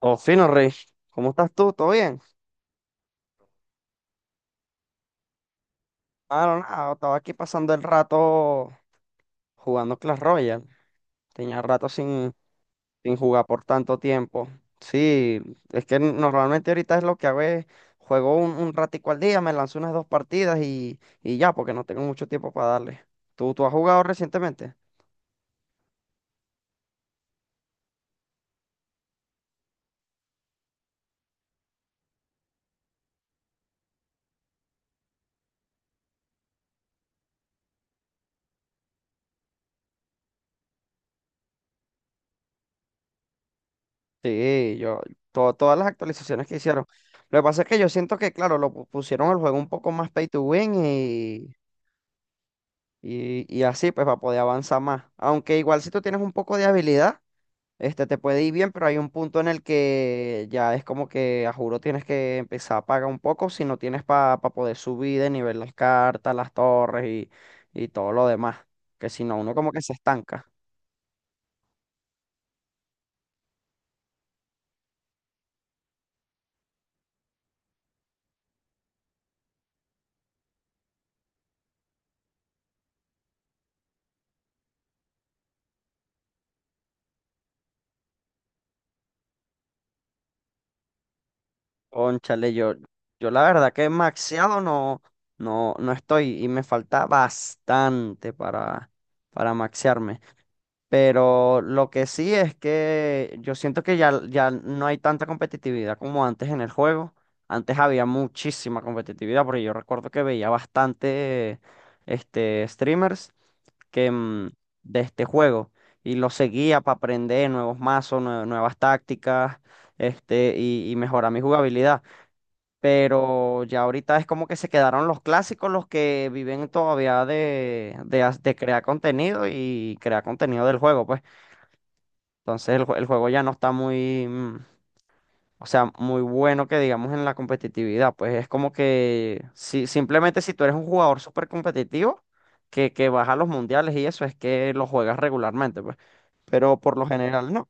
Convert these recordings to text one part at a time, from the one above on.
Oh, fino, Rey. ¿Cómo estás tú? ¿Todo bien? Ah, no, nada. Estaba aquí pasando el rato jugando Clash Royale. Tenía rato sin jugar por tanto tiempo. Sí, es que normalmente ahorita es lo que hago es juego un ratico al día, me lanzo unas dos partidas y ya, porque no tengo mucho tiempo para darle. ¿Tú has jugado recientemente? Sí, yo, todas las actualizaciones que hicieron. Lo que pasa es que yo siento que, claro, pusieron el juego un poco más pay to win. Y así pues va a poder avanzar más. Aunque igual si tú tienes un poco de habilidad, este te puede ir bien, pero hay un punto en el que ya es como que a juro tienes que empezar a pagar un poco si no tienes para poder subir de nivel las cartas, las torres y todo lo demás. Que si no, uno como que se estanca. Cónchale, yo la verdad que maxeado no, no, no estoy y me falta bastante para maxearme. Pero lo que sí es que yo siento que ya, ya no hay tanta competitividad como antes en el juego. Antes había muchísima competitividad, porque yo recuerdo que veía bastante este, streamers que, de este juego y los seguía para aprender nuevos mazos, nuevas tácticas este, y mejorar mi jugabilidad. Pero ya ahorita es como que se quedaron los clásicos, los que viven todavía de, de crear contenido y crear contenido del juego, pues. Entonces el, el juego ya no está muy, o sea, muy bueno que digamos en la competitividad. Pues es como que si, simplemente si tú eres un jugador súper competitivo, que vas a los mundiales y eso es que lo juegas regularmente, pues. Pero por lo general no.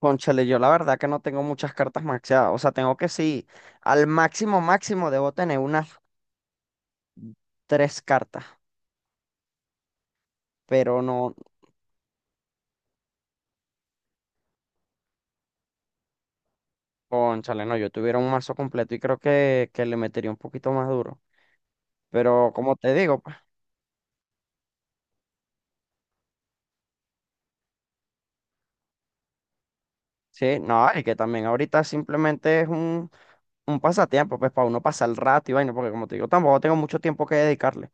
Cónchale, yo la verdad que no tengo muchas cartas maxeadas. O sea, tengo que sí, al máximo máximo debo tener unas tres cartas. Pero no, cónchale, no, yo tuviera un mazo completo y creo que le metería un poquito más duro. Pero como te digo, pues. Sí, no, y que también ahorita simplemente es un pasatiempo, pues para uno pasar el rato y vaina, porque como te digo, tampoco tengo mucho tiempo que dedicarle.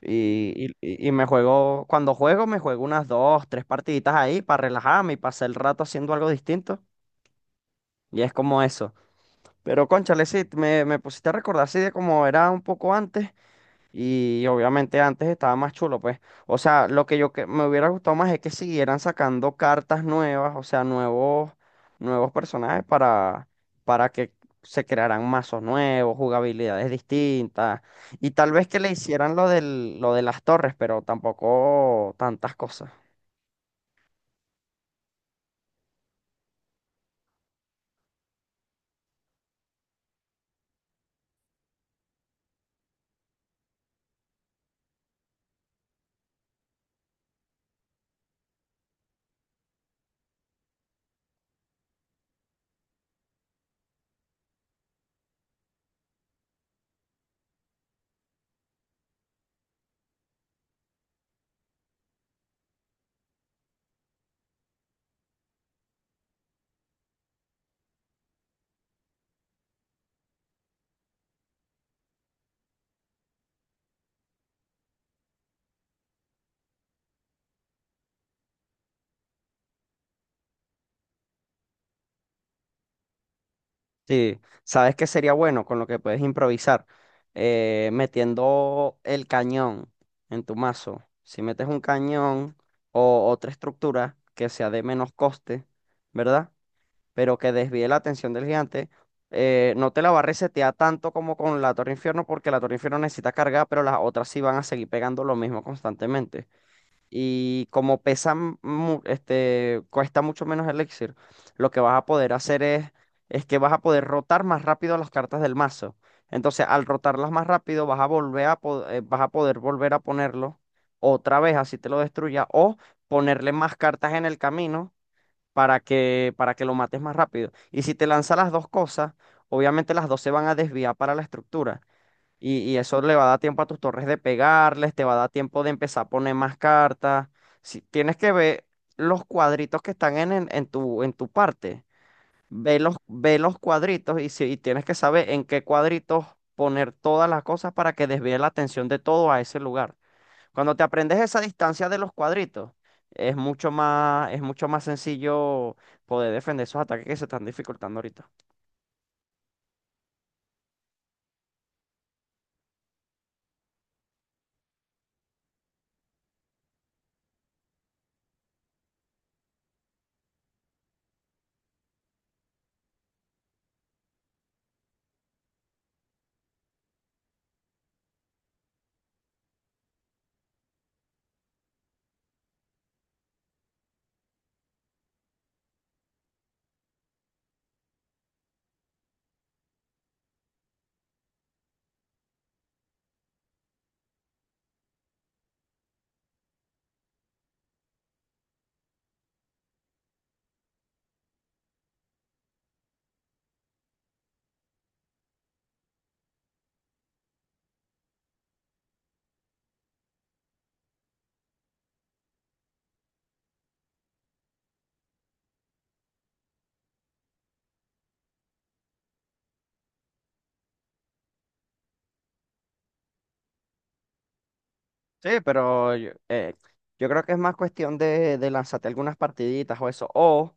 Y me juego, cuando juego, me juego unas dos, tres partiditas ahí para relajarme y pasar el rato haciendo algo distinto. Y es como eso. Pero cónchale, sí, me pusiste a recordar así de cómo era un poco antes. Y obviamente antes estaba más chulo, pues. O sea, lo que yo que me hubiera gustado más es que siguieran sacando cartas nuevas, o sea, nuevos, nuevos personajes para que se crearan mazos nuevos, jugabilidades distintas. Y tal vez que le hicieran lo del, lo de las torres, pero tampoco tantas cosas. Sí, ¿sabes qué sería bueno con lo que puedes improvisar? Metiendo el cañón en tu mazo. Si metes un cañón o otra estructura que sea de menos coste, ¿verdad? Pero que desvíe la atención del gigante, no te la va a resetear tanto como con la Torre Infierno, porque la Torre Infierno necesita cargar, pero las otras sí van a seguir pegando lo mismo constantemente. Y como pesa, este, cuesta mucho menos el elixir, lo que vas a poder hacer es que vas a poder rotar más rápido las cartas del mazo. Entonces, al rotarlas más rápido, vas a volver a, vas a poder volver a ponerlo otra vez, así te lo destruya, o ponerle más cartas en el camino para que lo mates más rápido. Y si te lanza las dos cosas, obviamente las dos se van a desviar para la estructura. Y eso le va a dar tiempo a tus torres de pegarles, te va a dar tiempo de empezar a poner más cartas. Si, tienes que ver los cuadritos que están en tu parte. Ve los cuadritos y, si, y tienes que saber en qué cuadritos poner todas las cosas para que desvíe la atención de todo a ese lugar. Cuando te aprendes esa distancia de los cuadritos, es mucho más sencillo poder defender esos ataques que se están dificultando ahorita. Sí, pero yo, yo creo que es más cuestión de lanzarte algunas partiditas o eso, o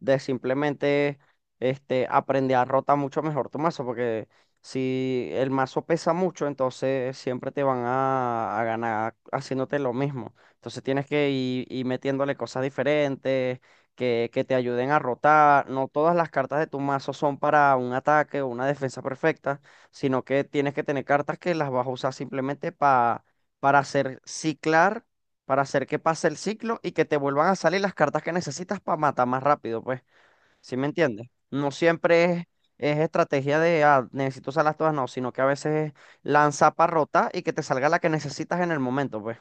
de simplemente este, aprender a rotar mucho mejor tu mazo, porque si el mazo pesa mucho, entonces siempre te van a ganar haciéndote lo mismo. Entonces tienes que ir, ir metiéndole cosas diferentes que te ayuden a rotar. No todas las cartas de tu mazo son para un ataque o una defensa perfecta, sino que tienes que tener cartas que las vas a usar simplemente para hacer ciclar, para hacer que pase el ciclo y que te vuelvan a salir las cartas que necesitas para matar más rápido, pues. ¿Sí me entiendes? No siempre es estrategia de, necesito usarlas todas, no, sino que a veces es lanza para rotar y que te salga la que necesitas en el momento, pues.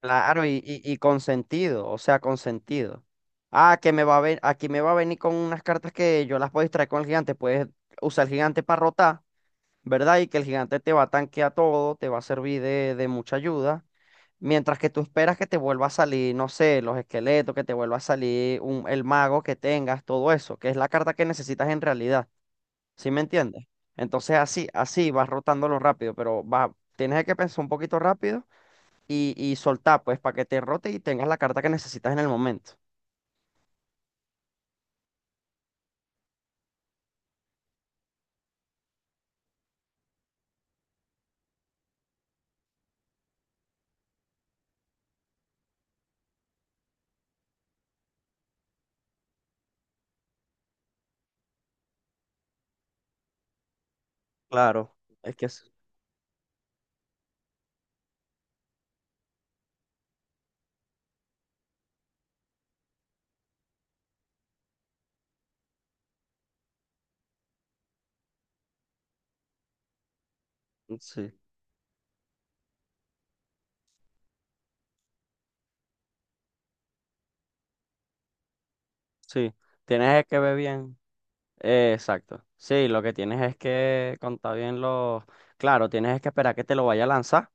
Claro, y con sentido, o sea, con sentido. Ah, que me va a ver, aquí me va a venir con unas cartas que yo las puedo distraer con el gigante, puedes usar el gigante para rotar. ¿Verdad? Y que el gigante te va a tanquear todo, te va a servir de mucha ayuda. Mientras que tú esperas que te vuelva a salir, no sé, los esqueletos, que te vuelva a salir un, el mago que tengas, todo eso, que es la carta que necesitas en realidad. ¿Sí me entiendes? Entonces así, así vas rotándolo rápido, pero va, tienes que pensar un poquito rápido y soltar, pues, para que te rote y tengas la carta que necesitas en el momento. Claro, Es que es- sí, sí, tienes que ver bien. Exacto. Sí, lo que tienes es que contar bien los... Claro, tienes que esperar que te lo vaya a lanzar,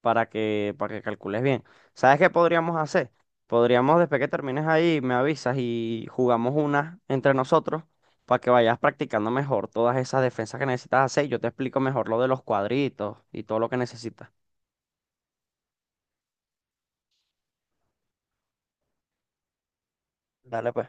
para que calcules bien. ¿Sabes qué podríamos hacer? Podríamos, después que termines ahí, me avisas y jugamos una entre nosotros para que vayas practicando mejor todas esas defensas que necesitas hacer. Y yo te explico mejor lo de los cuadritos y todo lo que necesitas. Dale, pues.